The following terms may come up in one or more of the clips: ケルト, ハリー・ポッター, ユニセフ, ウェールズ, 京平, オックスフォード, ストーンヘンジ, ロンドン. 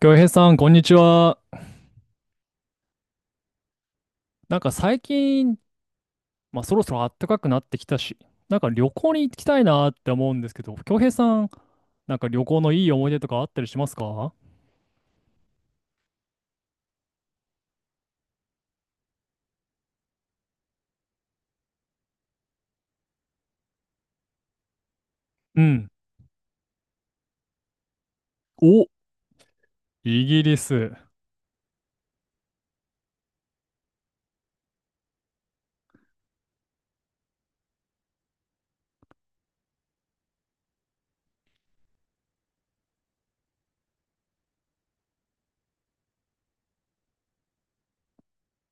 京平さん、こんにちは。最近、そろそろ暖かくなってきたし、旅行に行きたいなって思うんですけど、京平さん、旅行のいい思い出とかあったりしますか？うん。お、イギリス。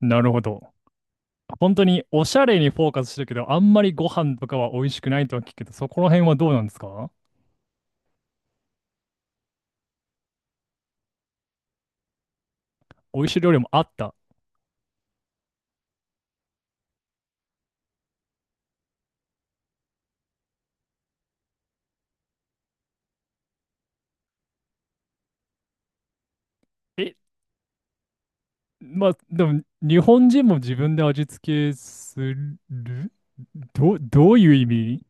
なるほど。本当におしゃれにフォーカスしてるけど、あんまりご飯とかは美味しくないとは聞くけど、そこら辺はどうなんですか？美味しい料理もあった。え、まあ、でも、日本人も自分で味付けするどういう意味？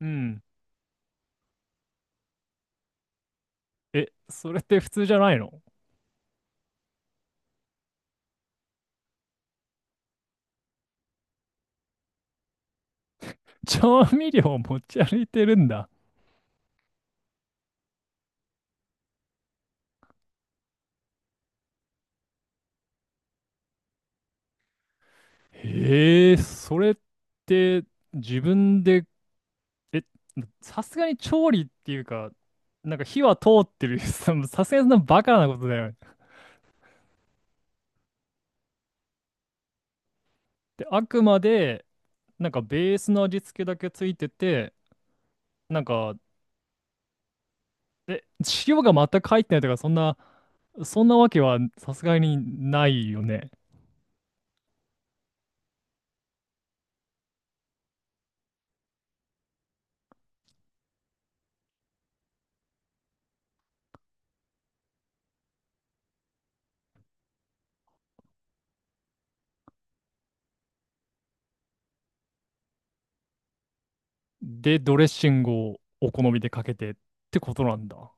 うん。え、それって普通じゃないの？調味料を持ち歩いてるんだ。へえ、それって自分で、え、さすがに調理っていうか、火は通ってる。さすがにそんなバカなことだよね。で、あくまで、ベースの味付けだけついてて、なんか 塩が全く入ってないとか、そんなわけはさすがにないよね。で、ドレッシングをお好みでかけてってことなんだ。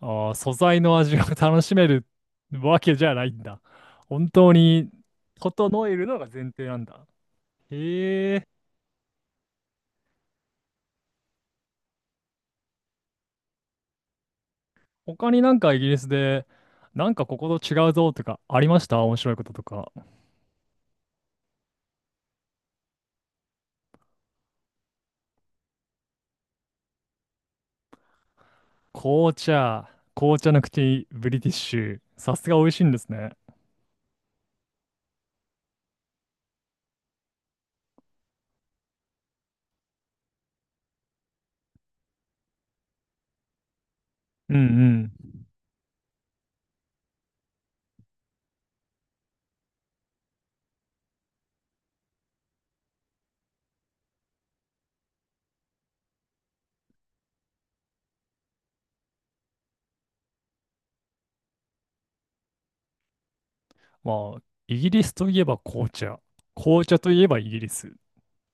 ああ、素材の味が 楽しめるわけじゃないんだ。本当に、整えるのが前提なんだ。へー。他にイギリスで、ここと違うぞとかありました？面白いこととか。紅茶、紅茶の口、ブリティッシュ。さすが美味しいんですね。うんうん。まあ、イギリスといえば紅茶。紅茶といえばイギリス。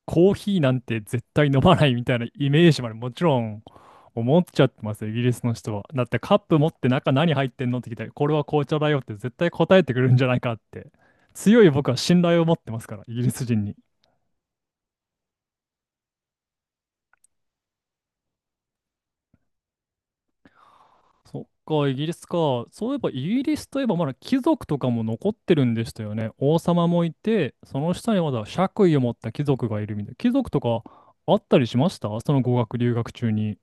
コーヒーなんて絶対飲まないみたいなイメージまでもちろん思っちゃってますよ、イギリスの人は。だってカップ持って中何入ってんのって聞いたら、これは紅茶だよって絶対答えてくるんじゃないかって。強い僕は信頼を持ってますから、イギリス人に。そっか、イギリスか。そういえば、イギリスといえば、まだ貴族とかも残ってるんでしたよね。王様もいて、その下にまだ爵位を持った貴族がいるみたいな。貴族とかあったりしました？その語学留学中に。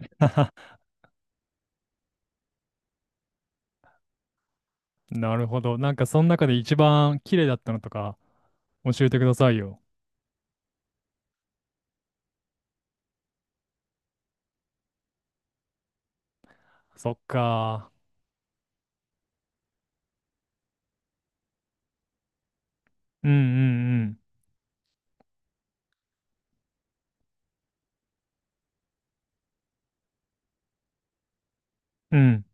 なるほど。なんか、その中で一番綺麗だったのとか、教えてくださいよ。そっか。うんうんうん。うん。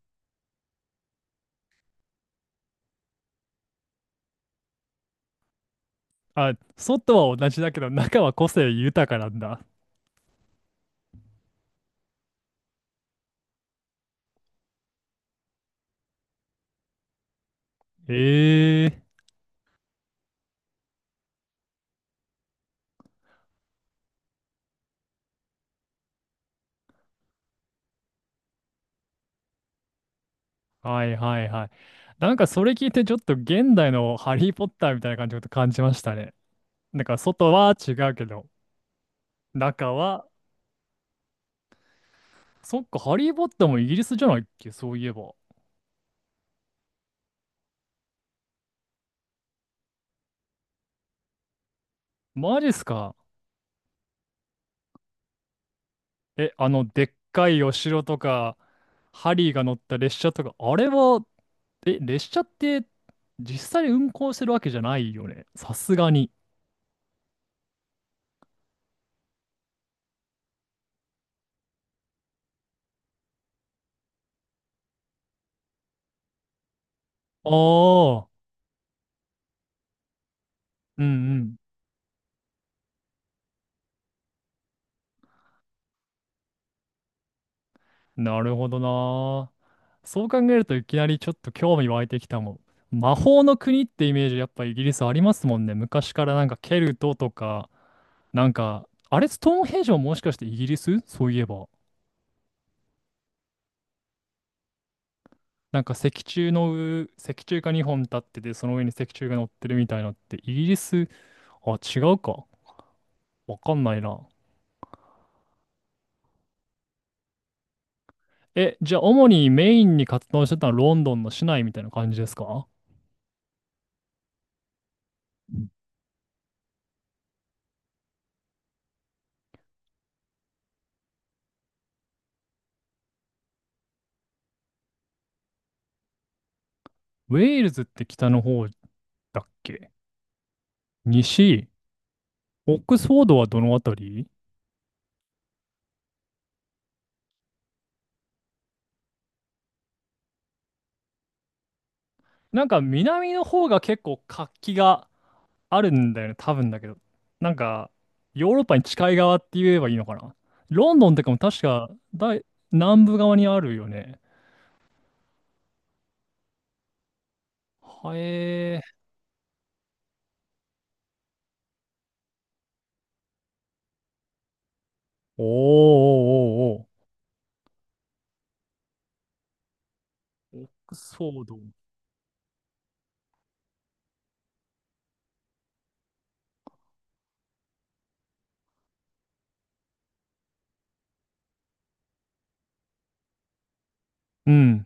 あ、外は同じだけど中は個性豊かなんだ。ええ。はいはいはい。なんかそれ聞いてちょっと現代のハリー・ポッターみたいな感じのこと感じましたね。なんか外は違うけど、中は、そっか、ハリー・ポッターもイギリスじゃないっけ、そういえば。マジっすか。え、あの、でっかいお城とか、ハリーが乗った列車とか、あれは、え、列車って実際運行してるわけじゃないよね。さすがに。ああ、うんうん。なるほどな。そう考えるといきなりちょっと興味湧いてきたもん。魔法の国ってイメージやっぱイギリスありますもんね。昔からなんかケルトとか、なんか、あれストーンヘンジももしかしてイギリス？そういえば、石柱の上、石柱が2本立ってて、その上に石柱が乗ってるみたいなってイギリス、あ、違うか。わかんないな。え、じゃあ主にメインに活動してたのはロンドンの市内みたいな感じですか？ウェールズって北の方だっけ？西。オックスフォードはどのあたり？なんか南の方が結構活気があるんだよね、多分だけど。なんか、ヨーロッパに近い側って言えばいいのかな。ロンドンとかも確か大南部側にあるよね。はえー。おーおーおーおー。オックスフォード。うん。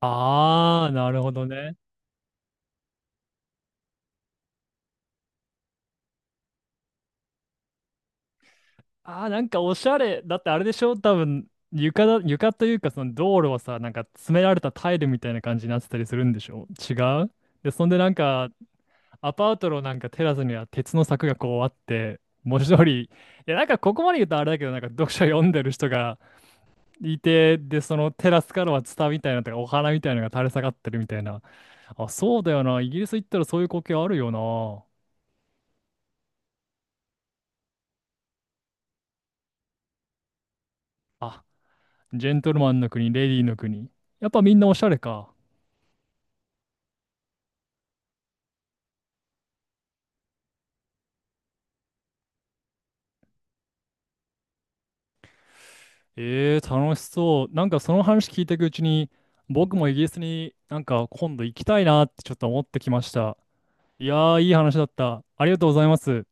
あー、なるほどね。ああ、なんかおしゃれ。だってあれでしょ多分、床というかその道路はさ、なんか詰められたタイルみたいな感じになってたりするんでしょ違う？で、そんでなんか、アパートのなんかテラスには鉄の柵がこうあって、文字通り、いやなんかここまで言うとあれだけど、なんか読書読んでる人がいて、で、そのテラスからはツタみたいなのとかお花みたいなのが垂れ下がってるみたいな。あ、そうだよな。イギリス行ったらそういう光景あるよな。あ、ジェントルマンの国、レディーの国。やっぱみんなおしゃれか。えー、楽しそう。なんかその話聞いていくうちに、僕もイギリスになんか今度行きたいなってちょっと思ってきました。いやー、いい話だった。ありがとうございます。